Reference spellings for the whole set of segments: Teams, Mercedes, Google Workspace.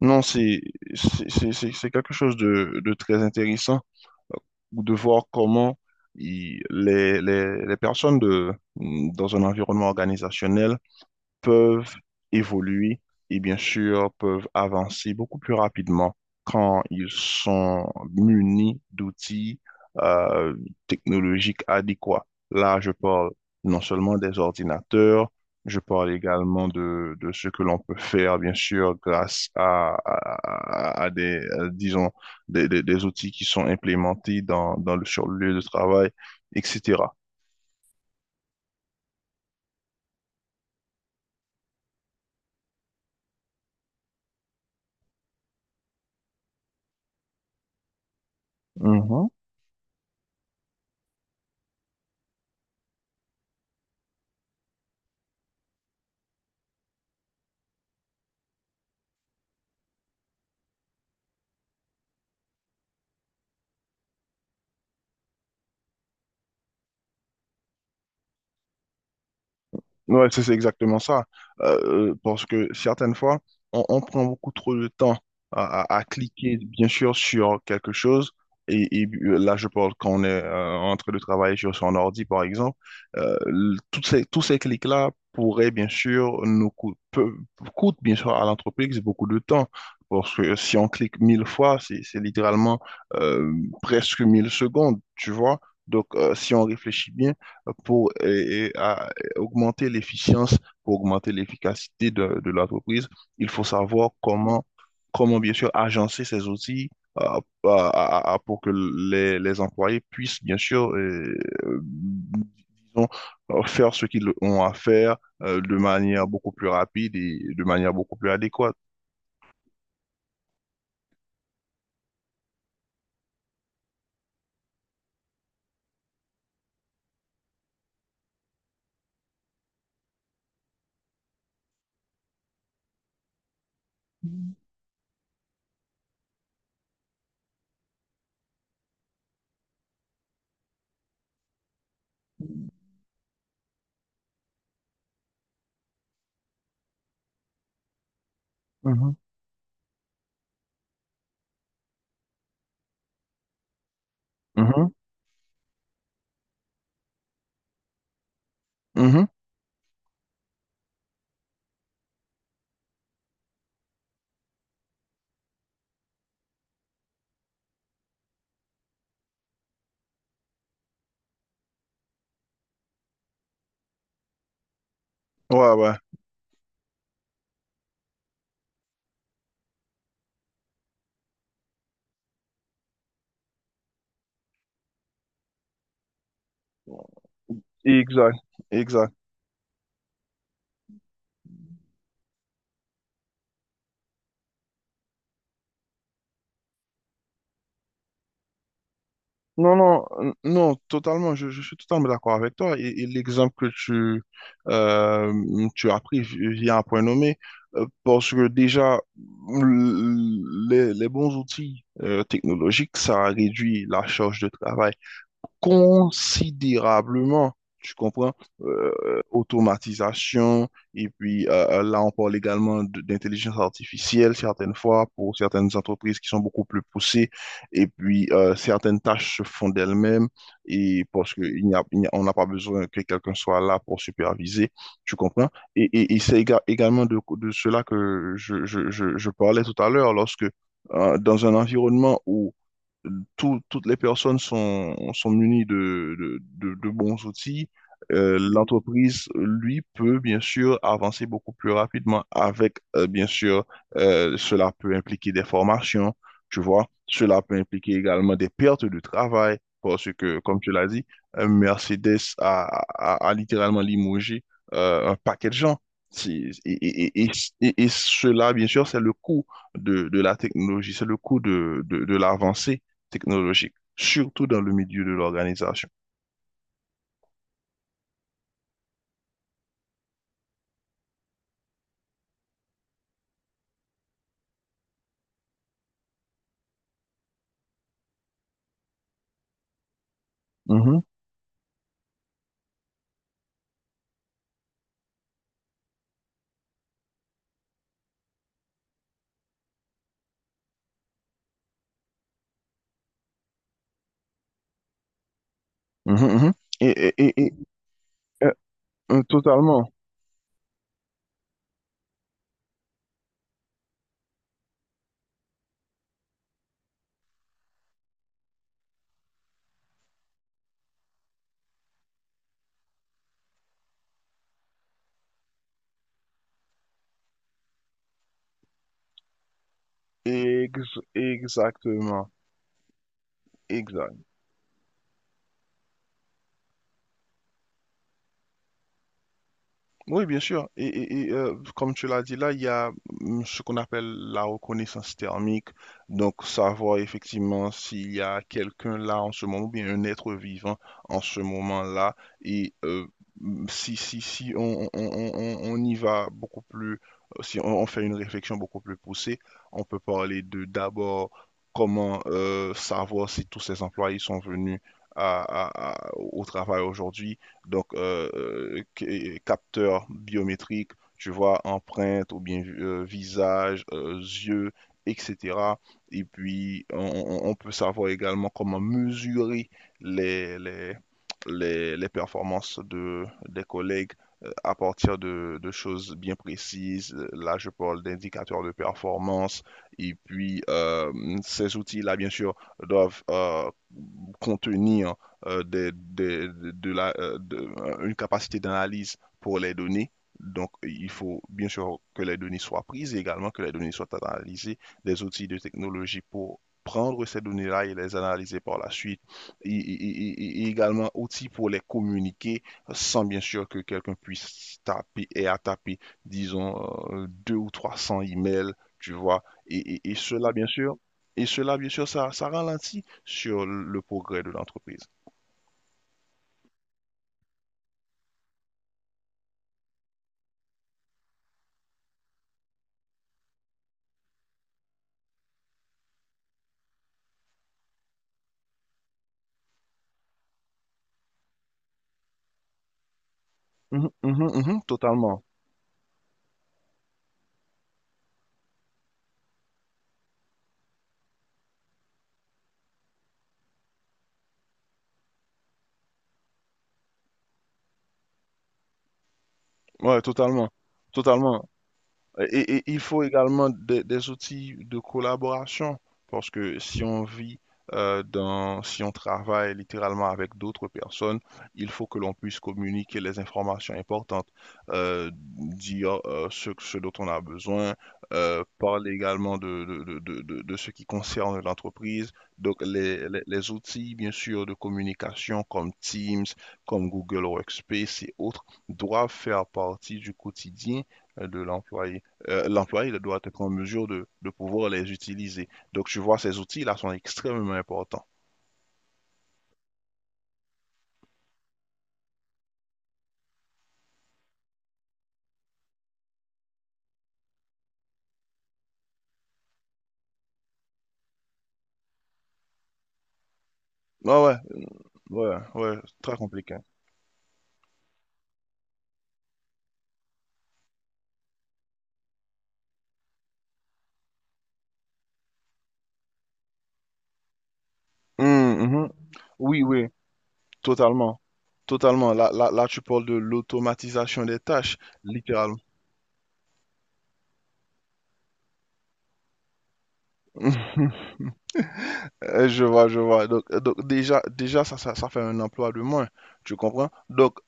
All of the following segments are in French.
Non, c'est c'est quelque chose de très intéressant, euh, de voir comment les personnes dans un environnement organisationnel peuvent évoluer et bien sûr peuvent avancer beaucoup plus rapidement quand ils sont munis d'outils euh, technologiques adéquats. Là, je parle non seulement des ordinateurs, je parle également de ce que l'on peut faire, bien sûr, grâce à des, disons, des outils qui sont implémentés dans le, sur le lieu de travail, etc. Mhm. Ouais, c'est exactement ça. Parce que certaines fois, on prend beaucoup trop de temps à cliquer, bien sûr, sur quelque chose. Là, je parle quand on est en train de travailler sur son ordi, par exemple. Toutes ces, tous ces clics-là pourraient, bien sûr, nous coûter, coûtent, bien sûr, à l'entreprise beaucoup de temps. Parce que si on clique mille fois, c'est littéralement, euh, presque mille secondes, tu vois. Donc, si on réfléchit bien, pour augmenter l'efficience, pour augmenter l'efficacité de l'entreprise, il faut savoir comment, comment bien sûr agencer ces outils euh, à- pour que les employés puissent bien sûr, disons, faire ce qu'ils ont à faire, de manière beaucoup plus rapide et de manière beaucoup plus adéquate. Mhm, mhm, mhm. Ouais, ouais, exact, exact. Non, non, non, totalement, je suis totalement d'accord avec toi. Et l'exemple que euh, tu as vient à point nommé, parce que déjà, l- les bons outils technologiques, ça réduit la charge de travail considérablement, tu comprends, automatisation, et puis là on parle également d'intelligence artificielle certaines fois pour certaines entreprises qui sont beaucoup plus poussées, et puis certaines tâches se font d'elles-mêmes, et parce que on n'a pas besoin que quelqu'un soit là pour superviser, tu comprends? Et c'est également de cela que je parlais tout à l'heure, lorsque, dans un environnement où toutes les personnes sont munies de bons outils. L'entreprise, lui, peut bien sûr avancer beaucoup plus rapidement avec, bien sûr, cela peut impliquer des formations, tu vois, cela peut impliquer également des pertes de travail, parce que, comme tu l'as dit, Mercedes a littéralement limogé, un paquet de gens. C'est- Et, et, et, et cela, bien sûr, c'est le coût de la technologie, c'est le coût de l'avancée technologique, surtout dans le milieu de l'organisation. Mhm, mhm, mhm. Et, et- et- et, euh, Totalement. Ex- exactement. Exact. Oui, bien sûr. Comme tu l'as dit là, il y a, ce qu'on appelle la reconnaissance thermique. Donc, savoir effectivement s'il y a quelqu'un là en ce moment, ou bien un être vivant en ce moment-là. Et si, on y va beaucoup plus, si on, on fait une réflexion beaucoup plus poussée, on peut parler de d'abord comment, savoir si tous ces employés sont venus à- au travail aujourd'hui, donc capteurs biométriques, tu vois, empreinte ou bien visage, yeux, etc. Et puis, peut savoir également comment mesurer les, les, les performances de, des collègues, à partir de choses bien précises. Là, je parle d'indicateurs de performance. Et puis, ces outils-là, bien sûr, doivent, contenir, une capacité d'analyse pour les données. Donc, il faut bien sûr que les données soient prises et également que les données soient analysées, des outils de technologie pour prendre ces données-là et les analyser par la suite, et également outils pour les communiquer sans bien sûr que quelqu'un puisse taper et à taper, disons, deux ou 300 emails, tu vois. Et cela, bien sûr, ça ralentit sur le progrès de l'entreprise. Mhm, mhm, mhm, totalement. Ouais, totalement. Totalement. Et il faut également des outils de collaboration, parce que si on travaille littéralement avec d'autres personnes, il faut que l'on puisse communiquer les informations importantes, dire ce dont on a besoin, parler également ce qui concerne l'entreprise. Donc les outils, bien sûr, de communication comme Teams, comme Google Workspace et autres, doivent faire partie du quotidien de l'employé. L'employé il doit être en mesure de pouvoir les utiliser. Donc, tu vois, ces outils-là sont extrêmement importants. Ah ouais, ouais, ouais, très compliqué. Mhm. Oui, oui, totalement. Totalement. Là, là, là, tu parles de l'automatisation des tâches, littéralement. Je vois, je vois. Donc déjà, ça fait un emploi de moins. Tu comprends? Donc,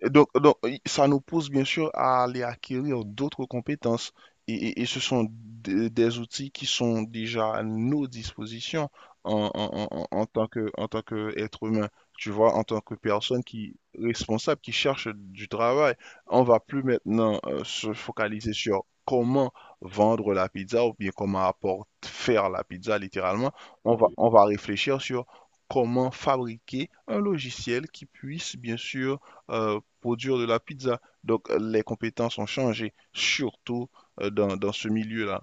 Et Donc, Donc, ça nous pousse bien sûr à aller acquérir d'autres compétences. Et ce sont des outils qui sont déjà à nos dispositions en tant que, en tant qu'être humain, tu vois, en tant que personne qui responsable, qui cherche du travail. On va plus maintenant se focaliser sur comment vendre la pizza ou bien comment apporter, faire la pizza littéralement. On va réfléchir sur comment fabriquer un logiciel qui puisse bien sûr, produire de la pizza. Donc, les compétences ont changé, surtout dans ce milieu-là.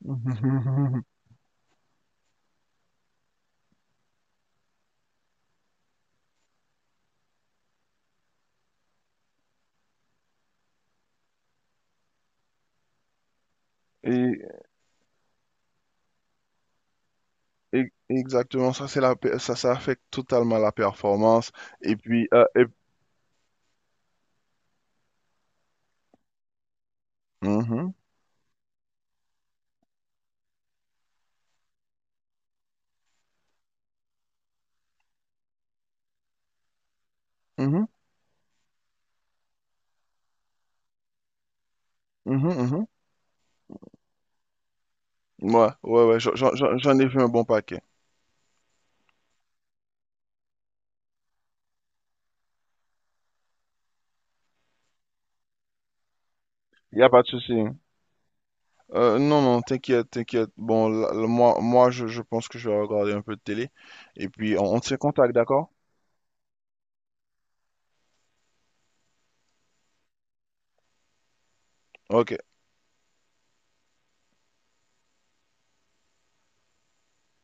Et, Exactement, ça, c'est la, pe- ça affecte totalement la performance. Et puis, euh, et- Mhm, mhm, mhm, mhm. Ouais, ouais, ouais, j'en ai vu un bon paquet. Il a pas de souci. Non, non, t'inquiète, t'inquiète. Bon, là, là, moi je pense que je vais regarder un peu de télé. Et puis, on tient contact, d'accord? Ok.